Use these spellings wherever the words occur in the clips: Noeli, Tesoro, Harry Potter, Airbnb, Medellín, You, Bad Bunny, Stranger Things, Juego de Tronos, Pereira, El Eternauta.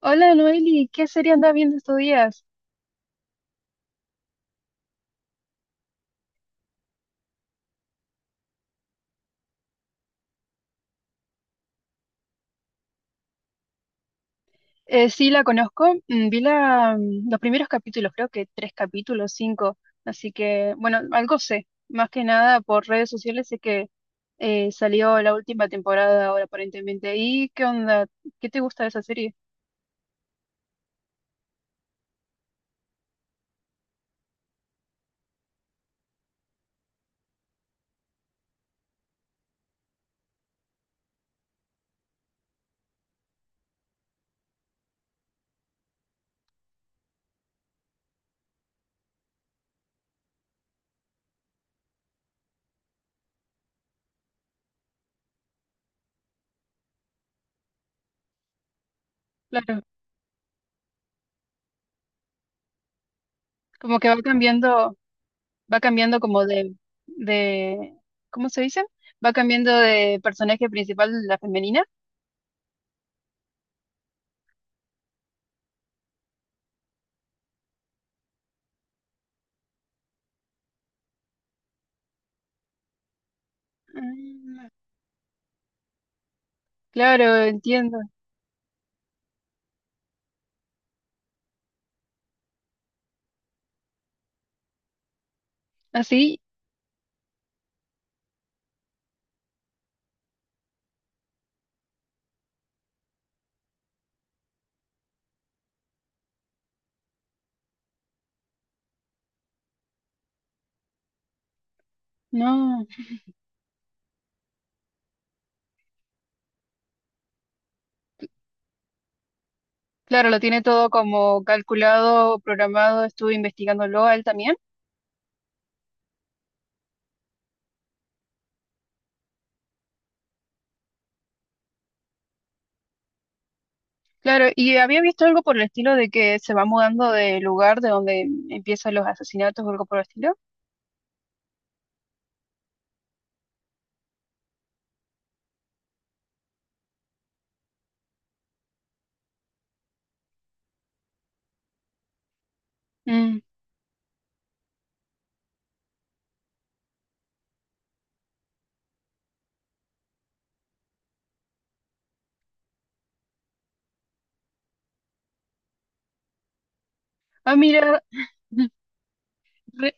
Hola Noeli, ¿qué serie anda viendo estos días? Sí, la conozco. Vi la, los primeros capítulos, creo que tres capítulos, cinco, así que bueno, algo sé, más que nada por redes sociales sé que salió la última temporada ahora aparentemente. ¿Y qué onda? ¿Qué te gusta de esa serie? Claro, como que va cambiando como de, ¿cómo se dice? Va cambiando de personaje principal, la femenina. Ah, claro, entiendo. ¿Así? No. Claro, lo tiene todo como calculado, programado, estuve investigándolo a él también. Claro, y había visto algo por el estilo de que se va mudando de lugar de donde empiezan los asesinatos o algo por el estilo. Mm. Ah, mira, mm, re-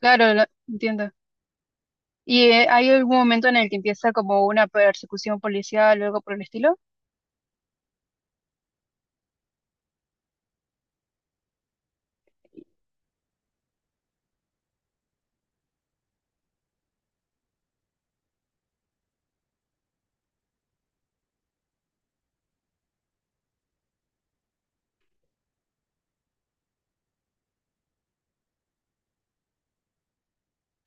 claro, entiendo. ¿Y hay algún momento en el que empieza como una persecución policial o algo por el estilo?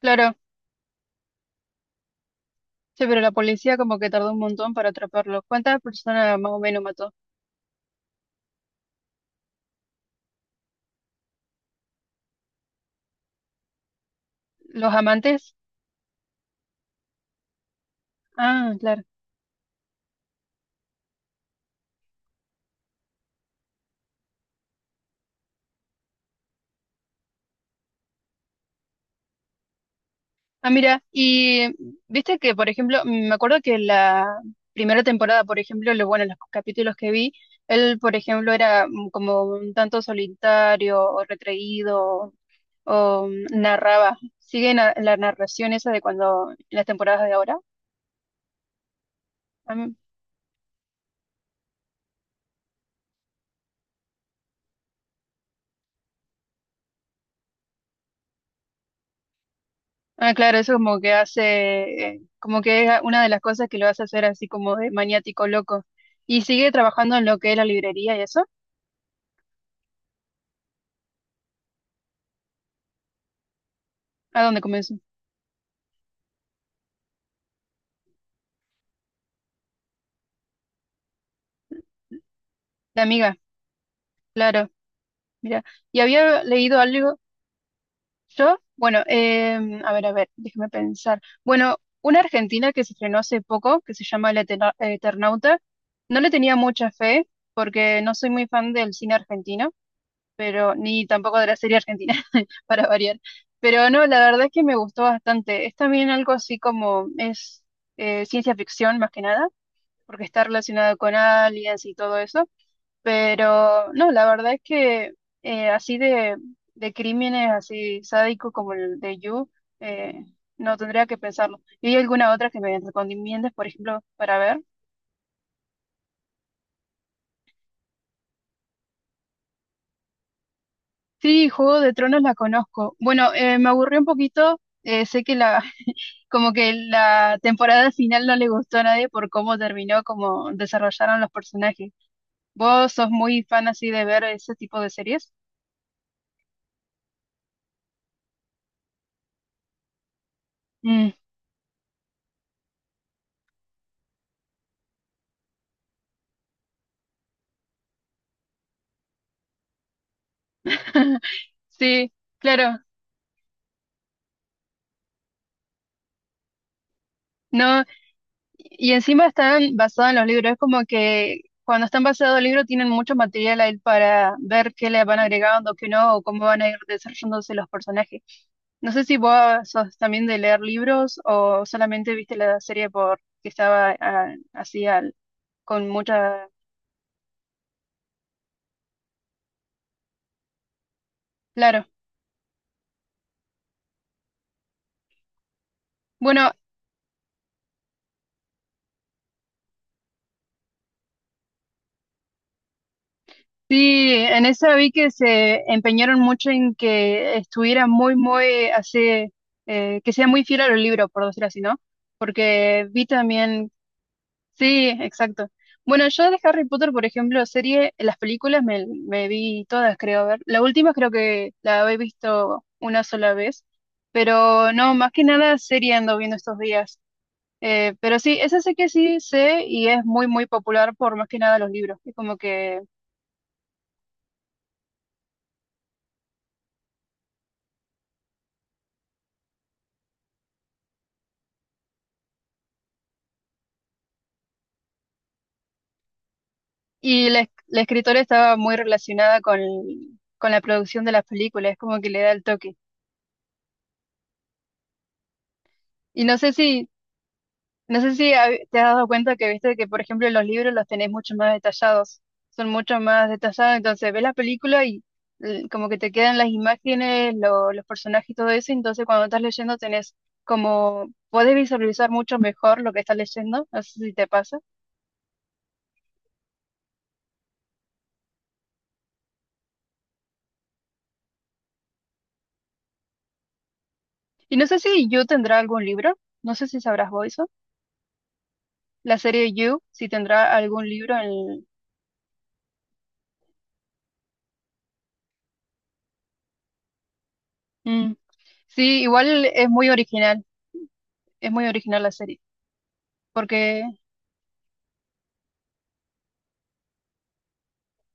Claro, sí, pero la policía como que tardó un montón para atraparlo. ¿Cuántas personas más o menos mató? ¿Los amantes? Ah, claro. Ah, mira, y viste que, por ejemplo, me acuerdo que la primera temporada, por ejemplo, bueno, los capítulos que vi, él, por ejemplo, era como un tanto solitario o retraído o, narraba. ¿Sigue la narración esa de cuando, las temporadas de ahora? Ah, mm. Ah, claro, eso como que hace, como que es una de las cosas que lo hace hacer así como de maniático loco. Y sigue trabajando en lo que es la librería y eso, a donde comenzó. La amiga, claro. Mira, y había leído algo yo, bueno, a ver, déjeme pensar. Bueno, una argentina que se estrenó hace poco, que se llama El Eternauta, no le tenía mucha fe porque no soy muy fan del cine argentino, pero ni tampoco de la serie argentina, para variar. Pero no, la verdad es que me gustó bastante. Es también algo así como es ciencia ficción más que nada, porque está relacionado con aliens y todo eso, pero no, la verdad es que así de crímenes así sádicos como el de You, eh, no tendría que pensarlo. ¿Y hay alguna otra que me recomiendes, por ejemplo, para ver? Sí, Juego de Tronos la conozco. Bueno, me aburrió un poquito. Sé que la, como que la temporada final no le gustó a nadie por cómo terminó, cómo desarrollaron los personajes. ¿Vos sos muy fan así de ver ese tipo de series? Mm, sí, claro. No, y encima están basadas en los libros. Es como que cuando están basados en libros tienen mucho material ahí para ver qué le van agregando, qué no, o cómo van a ir desarrollándose los personajes. No sé si vos sos también de leer libros o solamente viste la serie porque estaba ah, así con mucha... Claro. Bueno, sí, en esa vi que se empeñaron mucho en que estuviera muy, muy así, que sea muy fiel a los libros, por decirlo así, ¿no? Porque vi también sí, exacto. Bueno, yo de Harry Potter, por ejemplo, serie, las películas me vi todas, creo, a ver. La última creo que la he visto una sola vez, pero no, más que nada serie ando viendo estos días. Pero sí, esa sé que sí sé y es muy, muy popular por más que nada los libros. Es como que... Y la, la escritora estaba muy relacionada con la producción de las películas, es como que le da el toque. Y no sé si te has dado cuenta que viste que, por ejemplo, los libros los tenés mucho más detallados, son mucho más detallados, entonces ves la película y como que te quedan las imágenes, los personajes y todo eso, entonces cuando estás leyendo tenés como, podés visualizar mucho mejor lo que estás leyendo, no sé si te pasa. Y no sé si You tendrá algún libro, no sé si sabrás vos eso, la serie You, si tendrá algún libro en... Mm. Sí, igual es muy original la serie, porque...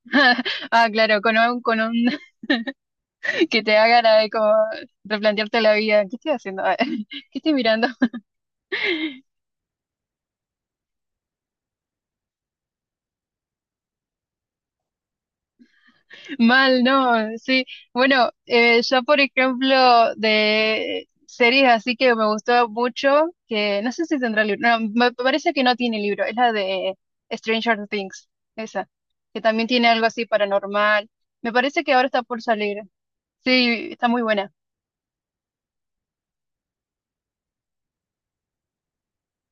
Ah, claro, con un que te hagan ahí como replantearte la vida. ¿Qué estoy haciendo? ¿Qué estoy mirando? Mal, ¿no? Sí. Bueno, yo por ejemplo de series así que me gustó mucho, que no sé si tendrá libro, no, me parece que no tiene libro, es la de Stranger Things, esa, que también tiene algo así paranormal. Me parece que ahora está por salir. Sí, está muy buena,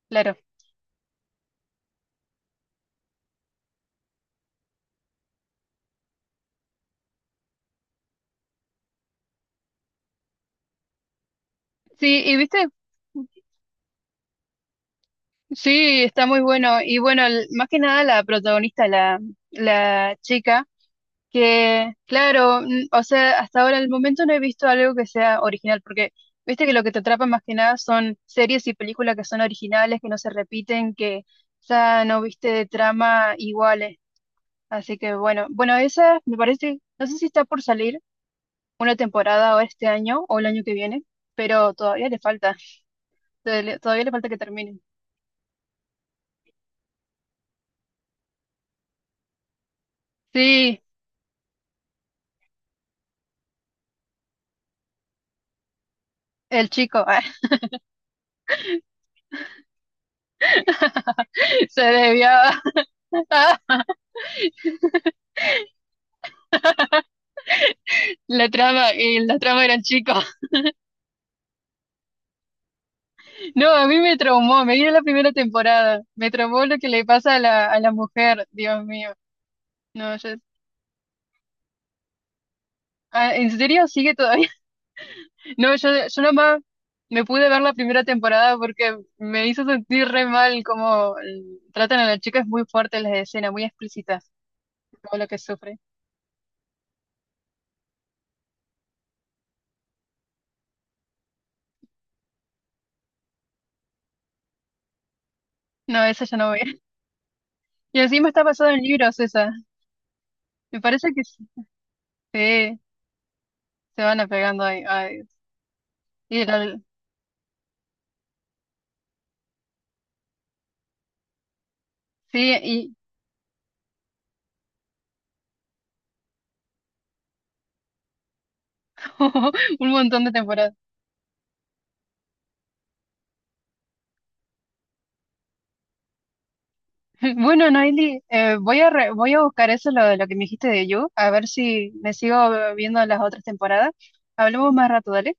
claro. Sí, y viste. Sí, está muy bueno. Y bueno, más que nada la protagonista, la chica, que claro, o sea, hasta ahora en el momento no he visto algo que sea original, porque viste que lo que te atrapa más que nada son series y películas que son originales, que no se repiten, que ya no viste de trama iguales. Así que bueno, bueno, esa me parece, no sé si está por salir una temporada o este año o el año que viene, pero todavía le falta, todavía le falta que termine. Sí, el chico. Se desviaba. La trama y la trama eran chicos. No, a mí me traumó, me vi la primera temporada, me traumó lo que le pasa a la mujer, Dios mío. No, yo, ah, ¿en serio sigue todavía? No, yo nomás me pude ver la primera temporada porque me hizo sentir re mal como tratan a la chica, es muy fuerte las escenas, muy explícitas, todo lo que sufre. No, esa ya no voy. Y encima está basado en libros esa. Me parece que sí, sí, se van apegando ahí. Ay. Y la- sí, un montón de temporadas. Bueno, Noeli, voy a buscar eso lo que me dijiste de You, a ver si me sigo viendo las otras temporadas. Hablamos más rato, dale.